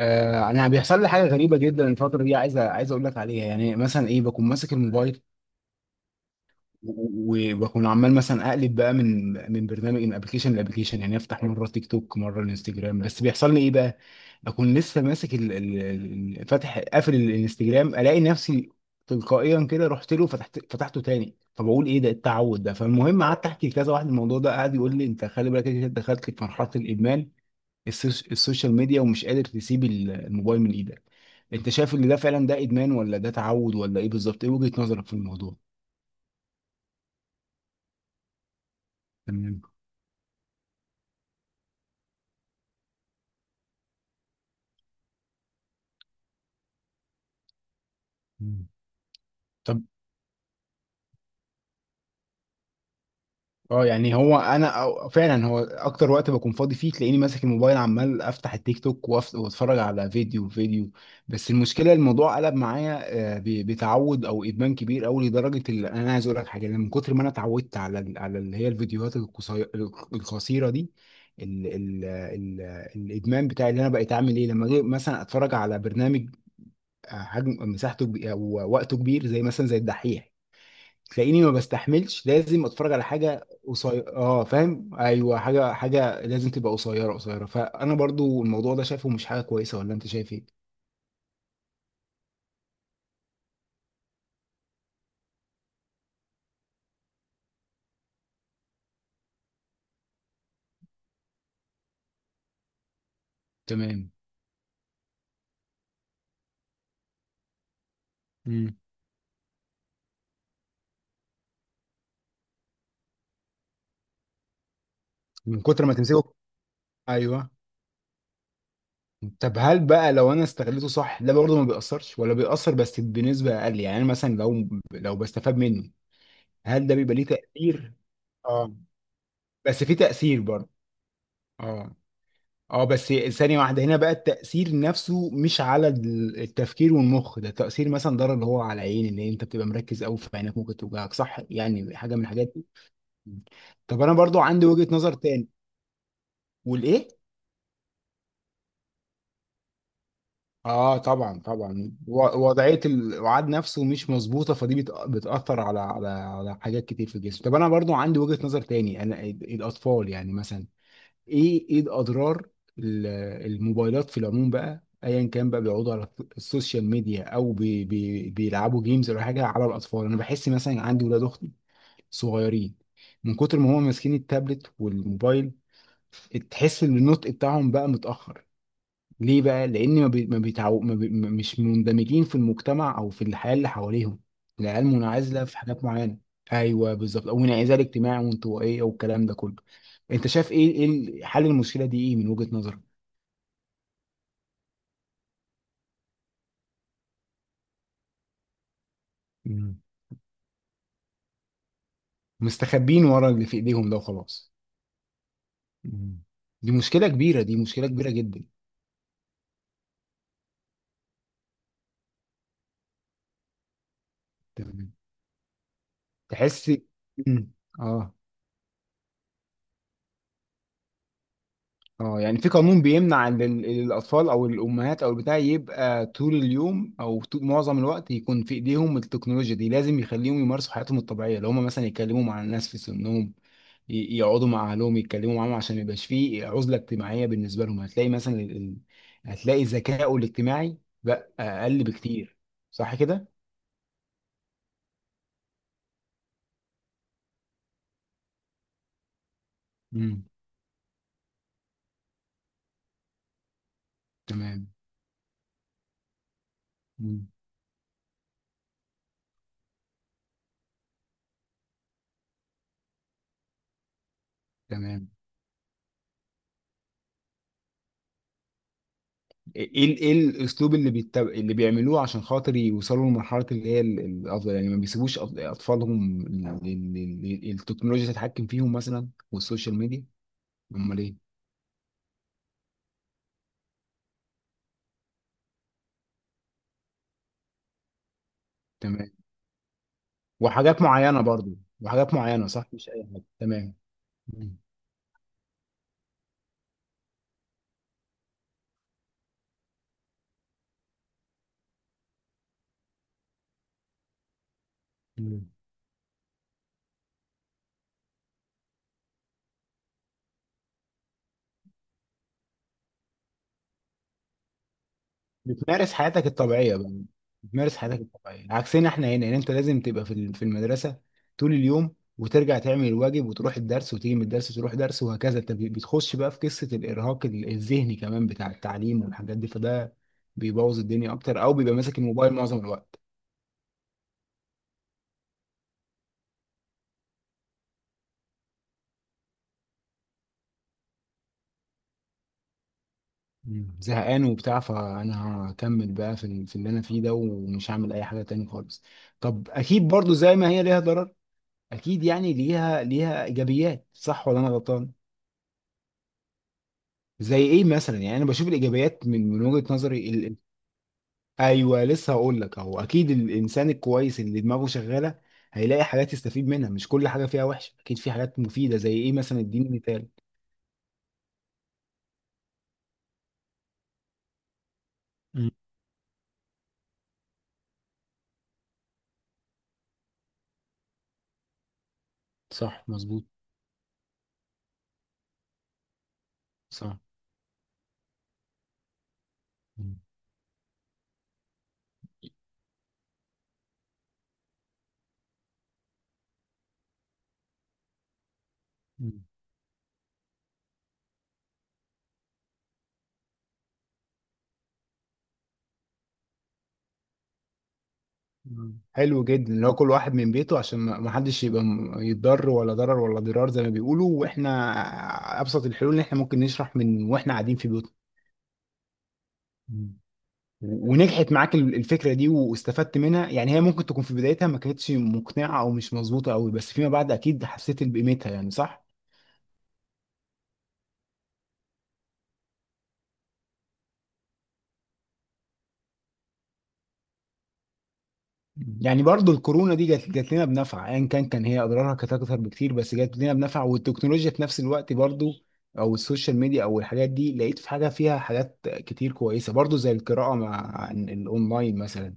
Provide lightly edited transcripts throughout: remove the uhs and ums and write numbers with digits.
آه انا بيحصل لي حاجه غريبه جدا الفتره دي عايز اقول لك عليها. يعني مثلا ايه، بكون ماسك الموبايل و- و- وبكون عمال مثلا اقلب بقى من برنامج من ابلكيشن لابلكيشن، يعني افتح مره تيك توك مره الانستجرام. بس بيحصل لي ايه بقى، بكون لسه ماسك فاتح قافل الانستجرام، الاقي نفسي تلقائيا كده رحت له، فتحته تاني. فبقول ايه ده، التعود ده؟ فالمهم قعدت احكي لكذا واحد الموضوع ده، قعد يقول لي انت خلي بالك، كده دخلت في مرحله الادمان، السوشيال ميديا، ومش قادر تسيب الموبايل من ايدك. انت شايف ان ده فعلا ده ادمان ولا ده تعود، ولا ايه بالظبط؟ ايه وجهة نظرك في الموضوع؟ تمام. مم. طب اه يعني هو انا فعلا، هو اكتر وقت بكون فاضي فيه تلاقيني ماسك الموبايل، عمال افتح التيك توك واتفرج على فيديو فيديو. بس المشكله الموضوع قلب معايا. بتعود او ادمان كبير قوي، لدرجه اللي انا عايز اقول لك حاجه، إن من كتر ما انا اتعودت على على اللي هي الفيديوهات القصيره القصيره دي، ال ال ال الادمان بتاعي اللي انا بقيت اعمل ايه لما اجي مثلا اتفرج على برنامج حجم مساحته او وقته كبير، زي مثلا زي الدحيح، تلاقيني ما بستحملش، لازم اتفرج على حاجه قصيره. اه فاهم، ايوه، حاجه حاجه لازم تبقى قصيره قصيره. فانا برضو الموضوع ده شايفه مش حاجه كويسه، ولا انت شايف ايه؟ تمام. مم. من كتر ما تمسكه. ايوه. طب هل بقى لو انا استغلته صح، ده برضه ما بيأثرش ولا بيأثر بس بنسبه اقل؟ يعني أنا مثلا لو بستفاد منه، هل ده بيبقى ليه تأثير؟ اه. بس في تأثير برضه؟ اه. اه بس ثانية واحدة هنا بقى، التأثير نفسه مش على التفكير والمخ، ده تأثير مثلا ضرر اللي هو على العين، اللي انت بتبقى مركز قوي في عينك ممكن توجعك، صح؟ يعني حاجة من الحاجات دي. طب انا برضو عندي وجهة نظر تاني. والايه؟ اه طبعا طبعا، وضعية الوعاد نفسه مش مظبوطة، فدي بتأثر على على حاجات كتير في الجسم. طب انا برضو عندي وجهة نظر تاني، انا الاطفال يعني مثلا، ايه الاضرار؟ ال- الموبايلات في العموم بقى، ايا كان بقى بيقعدوا على السوشيال ميديا او بي بيلعبوا جيمز، ولا حاجه. على الاطفال انا بحس، مثلا عندي ولاد اختي صغيرين، من كتر ما هم ماسكين التابلت والموبايل تحس ان النطق بتاعهم بقى متاخر. ليه بقى؟ لأن ما, بي... ما, بيتعو... ما بي... ما- مش مندمجين في المجتمع أو في الحياة اللي حواليهم. العيال منعزلة في حاجات معينة. أيوه بالظبط، أو انعزال اجتماعي وانطوائية والكلام ده كله. أنت شايف إيه، إيه ال- حل المشكلة دي، إيه من وجهة نظرك؟ مم. مستخبين ورا اللي في إيديهم ده وخلاص. مم. دي مشكلة كبيرة، دي مشكلة كبيرة جدا. تمام. تحس. مم. آه اه يعني في قانون بيمنع ان الاطفال او الامهات او البتاع يبقى طول اليوم او طول معظم الوقت يكون في ايديهم التكنولوجيا دي، لازم يخليهم يمارسوا حياتهم الطبيعيه، لو هم مثلا يتكلموا مع الناس في سنهم، يقعدوا مع اهلهم يتكلموا معاهم عشان ما يبقاش فيه عزله اجتماعيه بالنسبه لهم. هتلاقي مثلا هتلاقي ذكائه الاجتماعي بقى اقل بكتير، صح كده؟ امم تمام. امم تمام. ايه الاسلوب اللي بيعملوه عشان خاطر يوصلوا لمرحله اللي هي الافضل؟ يعني ما بيسيبوش اطفالهم التكنولوجيا تتحكم فيهم مثلا والسوشيال ميديا. امال ايه؟ تمام. وحاجات معينه برضو، وحاجات معينه صح مش اي حاجه. تمام. مم. بتمارس حياتك الطبيعية بقى. بتمارس حياتك الطبيعية عكسنا احنا هنا. يعني انت لازم تبقى في في المدرسة طول اليوم، وترجع تعمل الواجب وتروح الدرس وتيجي من الدرس تروح درس، وهكذا. انت بتخش بقى في قصة الإرهاق الذهني كمان بتاع التعليم والحاجات دي، فده بيبوظ الدنيا أكتر، أو بيبقى ماسك الموبايل معظم الوقت. مم. زهقان وبتاع، فأنا هكمل بقى في في اللي أنا فيه ده، ومش هعمل أي حاجة تاني خالص. طب أكيد برضو زي ما هي ليها ضرر، أكيد يعني ليها إيجابيات، صح ولا أنا غلطان؟ زي ايه مثلا؟ يعني انا بشوف الايجابيات من وجهة نظري ايوه لسه هقول لك اهو. اكيد الانسان الكويس اللي دماغه شغاله هيلاقي حاجات يستفيد منها، مش كل حاجه فيها وحشه، اكيد في حاجات مفيده. زي ايه مثلا؟ اديني مثال. مم. صح مظبوط. صح. مم. مم. مم. حلو جدا، اللي هو كل واحد من بيته عشان ما حدش يبقى يتضر، ولا ضرر ولا ضرار زي ما بيقولوا، واحنا ابسط الحلول اللي احنا ممكن نشرح من واحنا قاعدين في بيوتنا. ونجحت معاك الفكره دي واستفدت منها يعني، هي ممكن تكون في بدايتها ما كانتش مقنعه او مش مظبوطه قوي، بس فيما بعد اكيد حسيت بقيمتها، يعني صح. يعني برضو الكورونا دي جت لنا بنفع، ايا كان هي اضرارها كانت اكتر بكتير، بس جت لنا بنفع. والتكنولوجيا في نفس الوقت برضو، او السوشيال ميديا او الحاجات دي لقيت في حاجه، فيها حاجات كتير كويسه برضو، زي القراءه مع الاونلاين مثلا.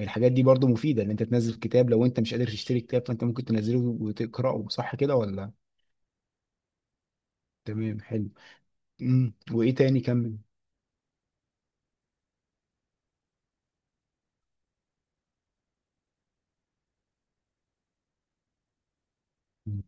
الحاجات دي برضو مفيده، ان انت تنزل كتاب لو انت مش قادر تشتري كتاب، فانت ممكن تنزله وتقراه، صح كده ولا؟ تمام حلو. مم. وايه تاني، كمل. مم.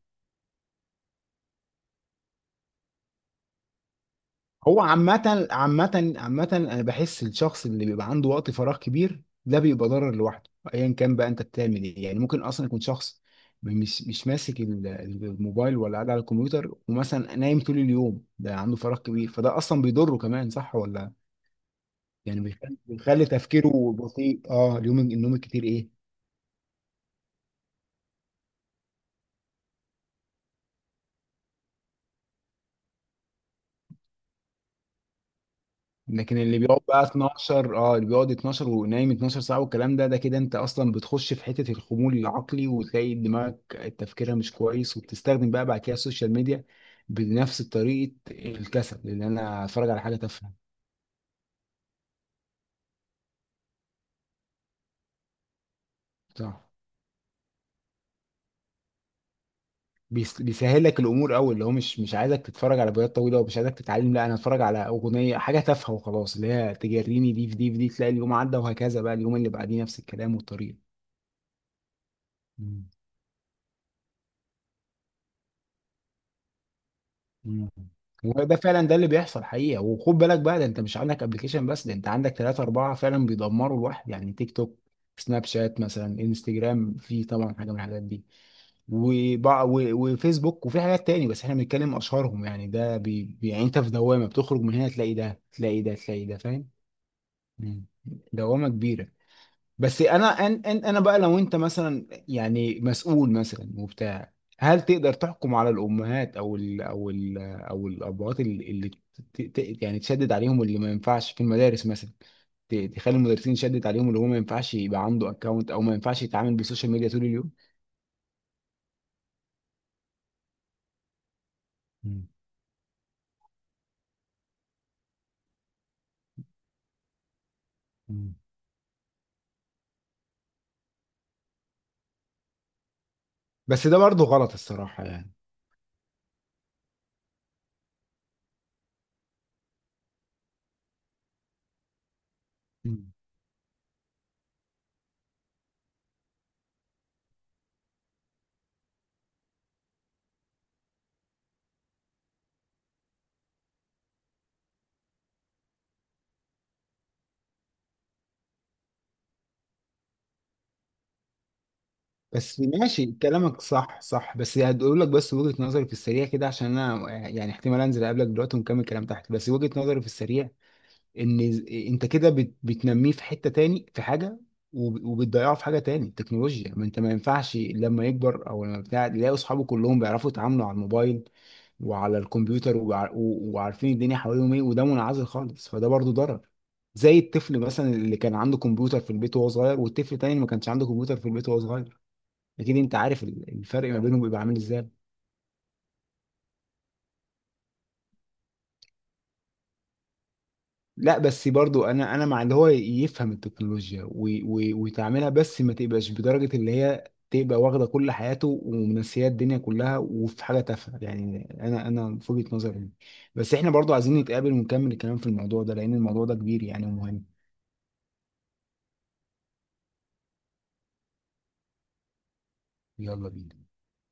هو عامة انا بحس الشخص اللي بيبقى عنده وقت فراغ كبير ده بيبقى ضرر لوحده، ايا كان بقى انت بتعمل ايه. يعني ممكن اصلا يكون شخص مش ماسك الموبايل ولا قاعد على الكمبيوتر، ومثلا نايم طول اليوم، ده عنده فراغ كبير فده اصلا بيضره كمان، صح ولا؟ يعني بيخلي تفكيره بطيء. اه اليوم النوم الكتير ايه. لكن اللي بيقعد بقى 12، اللي بيقعد 12 ونايم 12 ساعة والكلام ده، كده انت اصلا بتخش في حتة الخمول العقلي، وتلاقي دماغك تفكيرها مش كويس، وبتستخدم بقى بعد كده السوشيال ميديا بنفس طريقة الكسل، اللي انا اتفرج على حاجة تافهة. صح. بيسهل لك الامور قوي، اللي هو مش عايزك تتفرج على فيديوهات طويلة ومش عايزك تتعلم، لا انا اتفرج على اغنية حاجة تافهة وخلاص، اللي هي تجريني دي في دي في دي، تلاقي اليوم عدى، وهكذا بقى اليوم اللي بعديه نفس الكلام والطريقة. مم. مم. وده فعلا ده اللي بيحصل حقيقة. وخد بالك بقى ده انت مش عندك ابلكيشن بس، ده انت عندك ثلاثة أربعة فعلا بيدمروا الواحد، يعني تيك توك، سناب شات مثلا، انستجرام، في طبعا حاجة من الحاجات دي، وفيسبوك، وفي حاجات تاني بس احنا بنتكلم أشهرهم. يعني ده يعني انت في دوامة، بتخرج من هنا تلاقي ده، تلاقي ده، تلاقي ده، فاهم؟ مم. دوامة كبيرة. بس انا أن أن انا بقى لو انت مثلا يعني مسؤول مثلا وبتاع، هل تقدر تحكم على الامهات او ال او ال او الابهات اللي يعني تشدد عليهم اللي ما ينفعش، في المدارس مثلا تخلي المدرسين يشدد عليهم اللي هو ما ينفعش يبقى عنده اكونت، او ما ينفعش يتعامل بالسوشيال ميديا طول اليوم؟ مم. مم. بس ده برضه غلط الصراحة يعني. مم. بس ماشي كلامك صح صح. بس هقول لك، بس وجهة نظري في السريع كده، عشان انا يعني احتمال انزل اقابلك دلوقتي ونكمل كلام تحت. بس وجهة نظري في السريع، ان انت كده بتنميه في حته تاني في حاجه، وبتضيعه في حاجه تاني التكنولوجيا. ما انت ما ينفعش لما يكبر او لما بتاع تلاقي اصحابه كلهم بيعرفوا يتعاملوا على الموبايل وعلى الكمبيوتر، وعارفين الدنيا حواليهم ايه، وده منعزل خالص، فده برضو ضرر. زي الطفل مثلا اللي كان عنده كمبيوتر في البيت وهو صغير، والطفل تاني اللي ما كانش عنده كمبيوتر في البيت وهو صغير، اكيد انت عارف الفرق ما بينهم بيبقى عامل ازاي. لا بس برضو انا مع اللي هو يفهم التكنولوجيا ويتعاملها، بس ما تبقاش بدرجة اللي هي تبقى واخدة كل حياته ومنسية الدنيا كلها وفي حاجة تافهة، يعني انا في وجهة نظري دي. بس احنا برضو عايزين نتقابل ونكمل الكلام في الموضوع ده، لان الموضوع ده كبير يعني ومهم. يلا بينا.